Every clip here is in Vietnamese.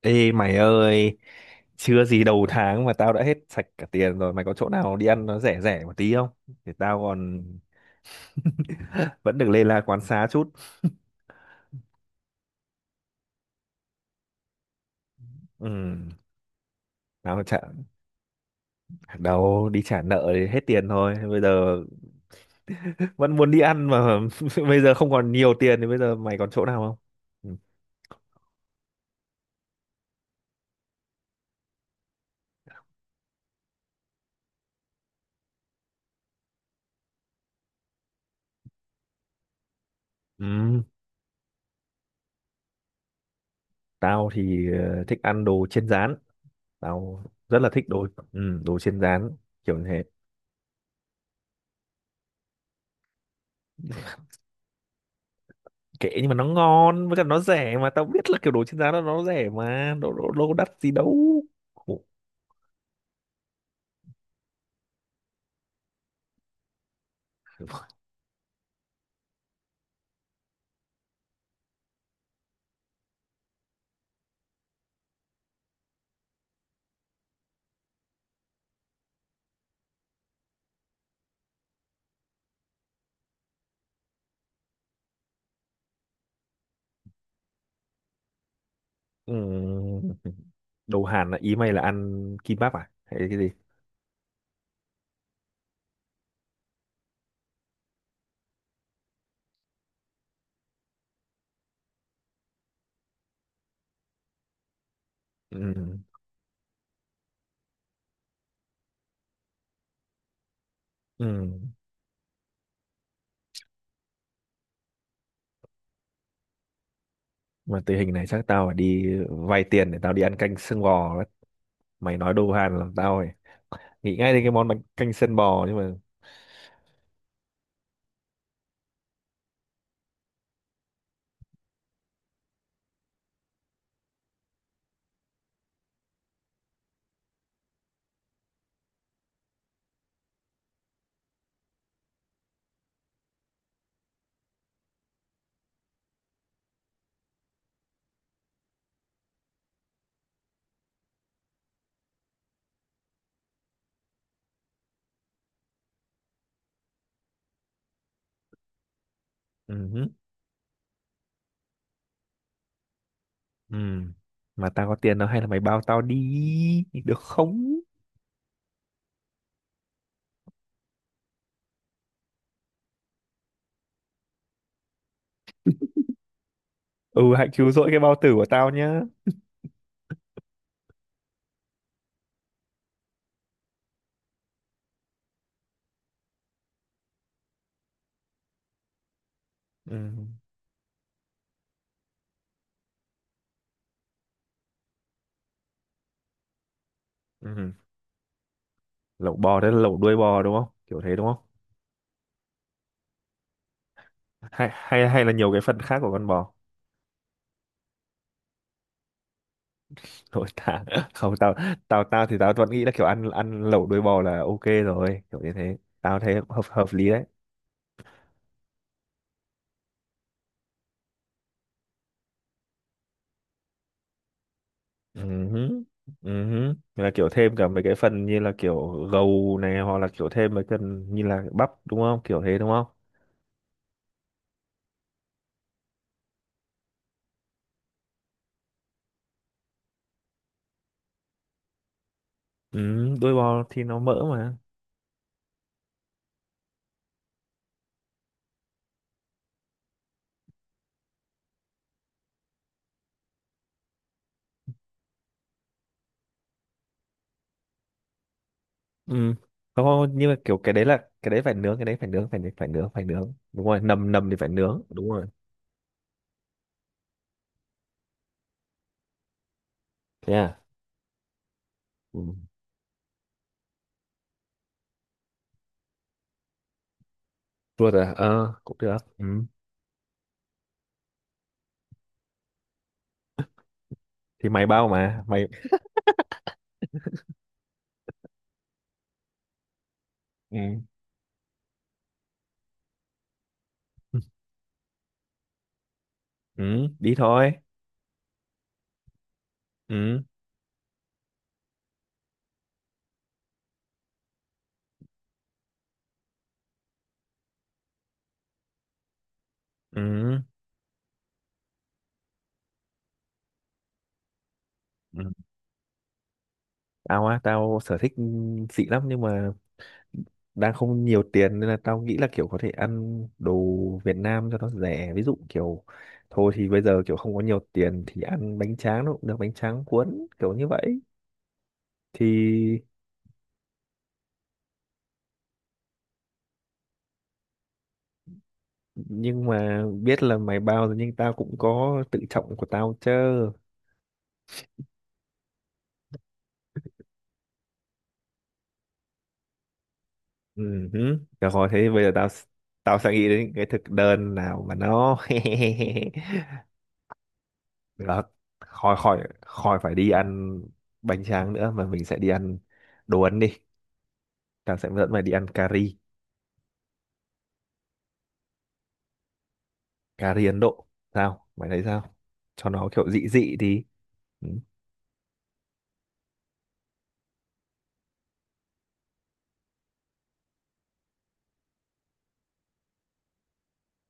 Ê mày ơi, chưa gì đầu tháng mà tao đã hết sạch cả tiền rồi. Mày có chỗ nào đi ăn nó rẻ rẻ một tí không? Thì tao còn vẫn được lê la quán xá chút. Ừ, tao mà trả đâu đi trả nợ thì hết tiền thôi. Bây giờ vẫn muốn đi ăn mà bây giờ không còn nhiều tiền thì bây giờ mày còn chỗ nào không? Ừ, ừ, tao thì thích ăn đồ chiên rán. Tao rất là thích đồ đồ chiên rán kiểu như thế. Kệ nhưng mà nó ngon với cả nó rẻ mà tao biết là kiểu đồ trên giá nó rẻ mà đồ đồ, đồ đắt gì đâu. Ủa, ừm, đồ Hàn là ý mày là ăn kimbap à hay cái gì? Ừ. Ừ, mà tình hình này chắc tao phải đi vay tiền để tao đi ăn canh xương bò đấy. Mày nói đồ Hàn làm tao phải nghĩ ngay đến cái món bánh canh xương bò nhưng mà ừ. Hứ, ừ, mà tao có tiền đâu, hay là mày bao tao đi được không? Ừ, hãy cứu rỗi cái bao tử của tao nhá. Ừ. Ừ. Lẩu bò đấy là lẩu đuôi bò đúng không, kiểu thế đúng không? Hay hay hay là nhiều cái phần khác của con bò? Thôi tao không, tao tao tao thì tao vẫn nghĩ là kiểu ăn ăn lẩu đuôi bò là ok rồi, kiểu như thế tao thấy hợp hợp lý đấy. Ừ. Ừ. Là kiểu thêm cả mấy cái phần như là kiểu gầu này, hoặc là kiểu thêm mấy phần như là bắp đúng không, kiểu thế đúng không? Ừ, đuôi bò thì nó mỡ mà. Ừ, không không, nhưng mà kiểu cái đấy là cái đấy phải nướng cái đấy phải nướng đúng rồi, nầm nầm thì phải nướng đúng rồi. Thế à? Ừ. Rút à? Ờ, cũng được. Ừ. Thì mày bao mà. Mày... Ừ. Ừ, đi thôi. Ừ. Ừ. Ừ. Tao á, tao sở thích xịn lắm nhưng mà đang không nhiều tiền nên là tao nghĩ là kiểu có thể ăn đồ Việt Nam cho nó rẻ. Ví dụ kiểu thôi thì bây giờ kiểu không có nhiều tiền thì ăn bánh tráng nó cũng được, bánh tráng cuốn kiểu như vậy. Thì nhưng mà biết là mày bao rồi nhưng tao cũng có tự trọng của tao chứ. Ừ, hứ. Được rồi thế bây giờ tao tao sẽ nghĩ đến cái thực đơn nào mà nó được, khỏi khỏi khỏi phải đi ăn bánh tráng nữa mà mình sẽ đi ăn đồ Ấn đi. Tao sẽ dẫn mày đi ăn cà ri, cà ri Ấn Độ, sao mày thấy sao, cho nó kiểu dị dị đi.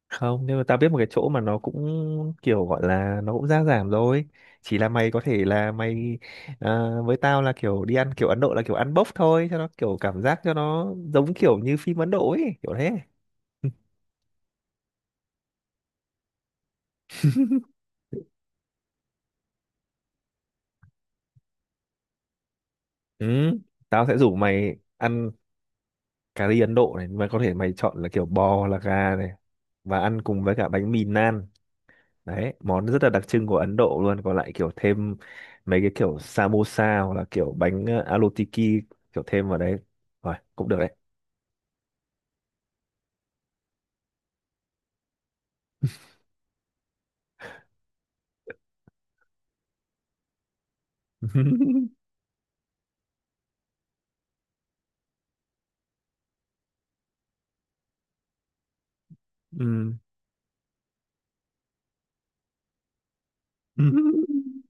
Không nhưng mà tao biết một cái chỗ mà nó cũng kiểu gọi là nó cũng giá giảm rồi, chỉ là mày có thể là mày với tao là kiểu đi ăn kiểu Ấn Độ là kiểu ăn bốc thôi cho nó kiểu cảm giác cho nó giống kiểu như phim Ấn Độ ấy kiểu thế. Ừ, tao sẽ rủ mày ăn cà ri Ấn Độ này mà có thể mày chọn là kiểu bò hoặc là gà này, và ăn cùng với cả bánh mì naan đấy, món rất là đặc trưng của Ấn Độ luôn. Còn lại kiểu thêm mấy cái kiểu samosa hoặc là kiểu bánh alu tiki kiểu thêm vào đấy rồi cũng được đấy. Ừ.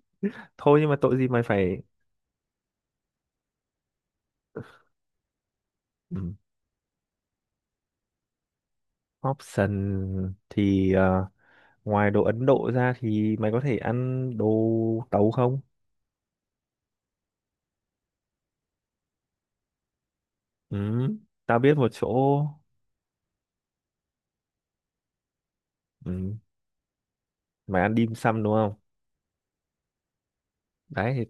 Thôi nhưng mà tội gì mày phải. Ừ, option thì ngoài đồ Ấn Độ ra thì mày có thể ăn đồ tàu không? Ừ. Tao biết một chỗ. Ừ. Mày ăn dim sum đúng không? Đấy thì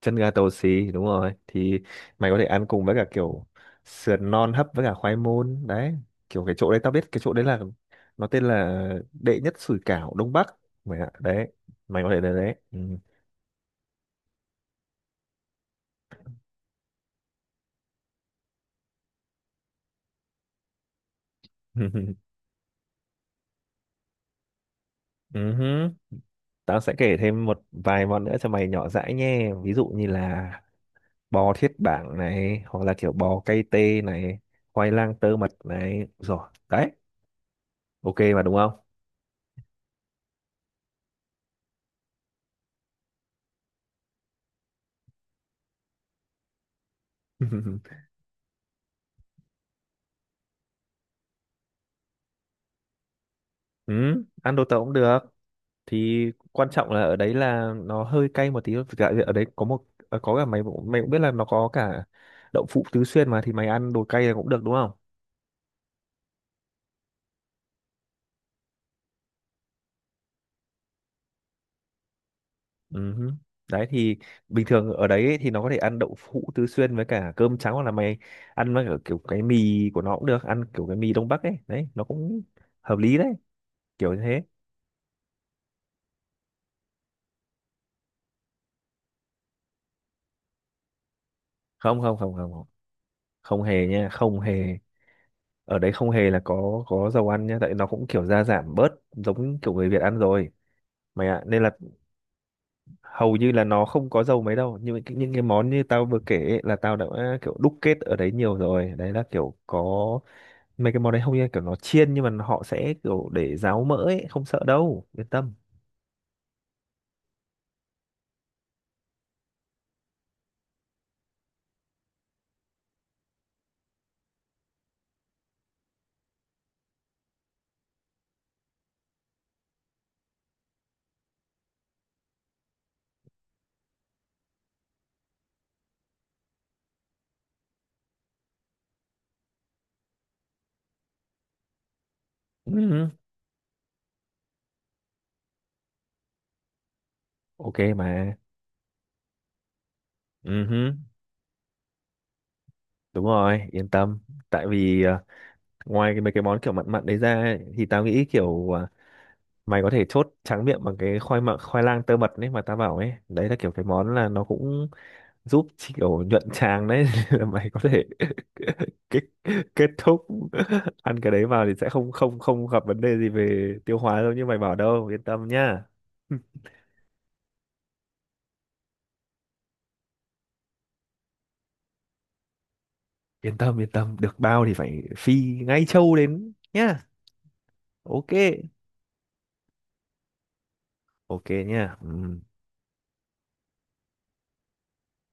chân gà tàu xì đúng rồi, thì mày có thể ăn cùng với cả kiểu sườn non hấp với cả khoai môn đấy. Kiểu cái chỗ đấy, tao biết cái chỗ đấy là nó tên là đệ nhất sủi cảo Đông Bắc mày ạ. Đấy, mày có thể đến đấy. Ừ. Ừ hứ, tao sẽ kể thêm một vài món nữa cho mày nhỏ dãi nhé. Ví dụ như là bò thiết bảng này, hoặc là kiểu bò cay tê này, khoai lang tơ mật này. Rồi, đấy, ok mà đúng không? Ừ, ăn đồ tàu cũng được. Thì quan trọng là ở đấy là nó hơi cay một tí. Thực ra ở đấy có một có cả mày cũng biết là nó có cả đậu phụ tứ xuyên mà, thì mày ăn đồ cay là cũng được đúng không? Ừ. Hứ. Đấy thì bình thường ở đấy ấy thì nó có thể ăn đậu hũ tứ xuyên với cả cơm trắng, hoặc là mày ăn với cả kiểu cái mì của nó cũng được, ăn kiểu cái mì Đông Bắc ấy, đấy nó cũng hợp lý đấy, kiểu như thế. Không không không không không không hề nha, không hề. Ở đấy không hề là có dầu ăn nha, tại nó cũng kiểu gia giảm bớt giống kiểu người Việt ăn rồi mày ạ, nên là hầu như là nó không có dầu mấy đâu. Nhưng những cái món như tao vừa kể ấy, là tao đã kiểu đúc kết ở đấy nhiều rồi, đấy là kiểu có mấy cái món đấy hầu như là kiểu nó chiên nhưng mà họ sẽ kiểu để ráo mỡ ấy, không sợ đâu, yên tâm. Ừ. Ok mà. Ừ, đúng rồi yên tâm. Tại vì ngoài cái mấy cái món kiểu mặn mặn đấy ra ấy, thì tao nghĩ kiểu mày có thể chốt tráng miệng bằng cái khoai mặn khoai lang tơ mật đấy mà tao bảo ấy, đấy là kiểu cái món là nó cũng giúp chỉ kiểu nhuận tràng đấy. Là mày có thể kết, kết thúc ăn cái đấy vào thì sẽ không, không gặp vấn đề gì về tiêu hóa đâu như mày bảo đâu, yên tâm nhá. Yên tâm yên tâm, được bao thì phải phi ngay châu đến nhá. Ok. Ok nhá. Ừ.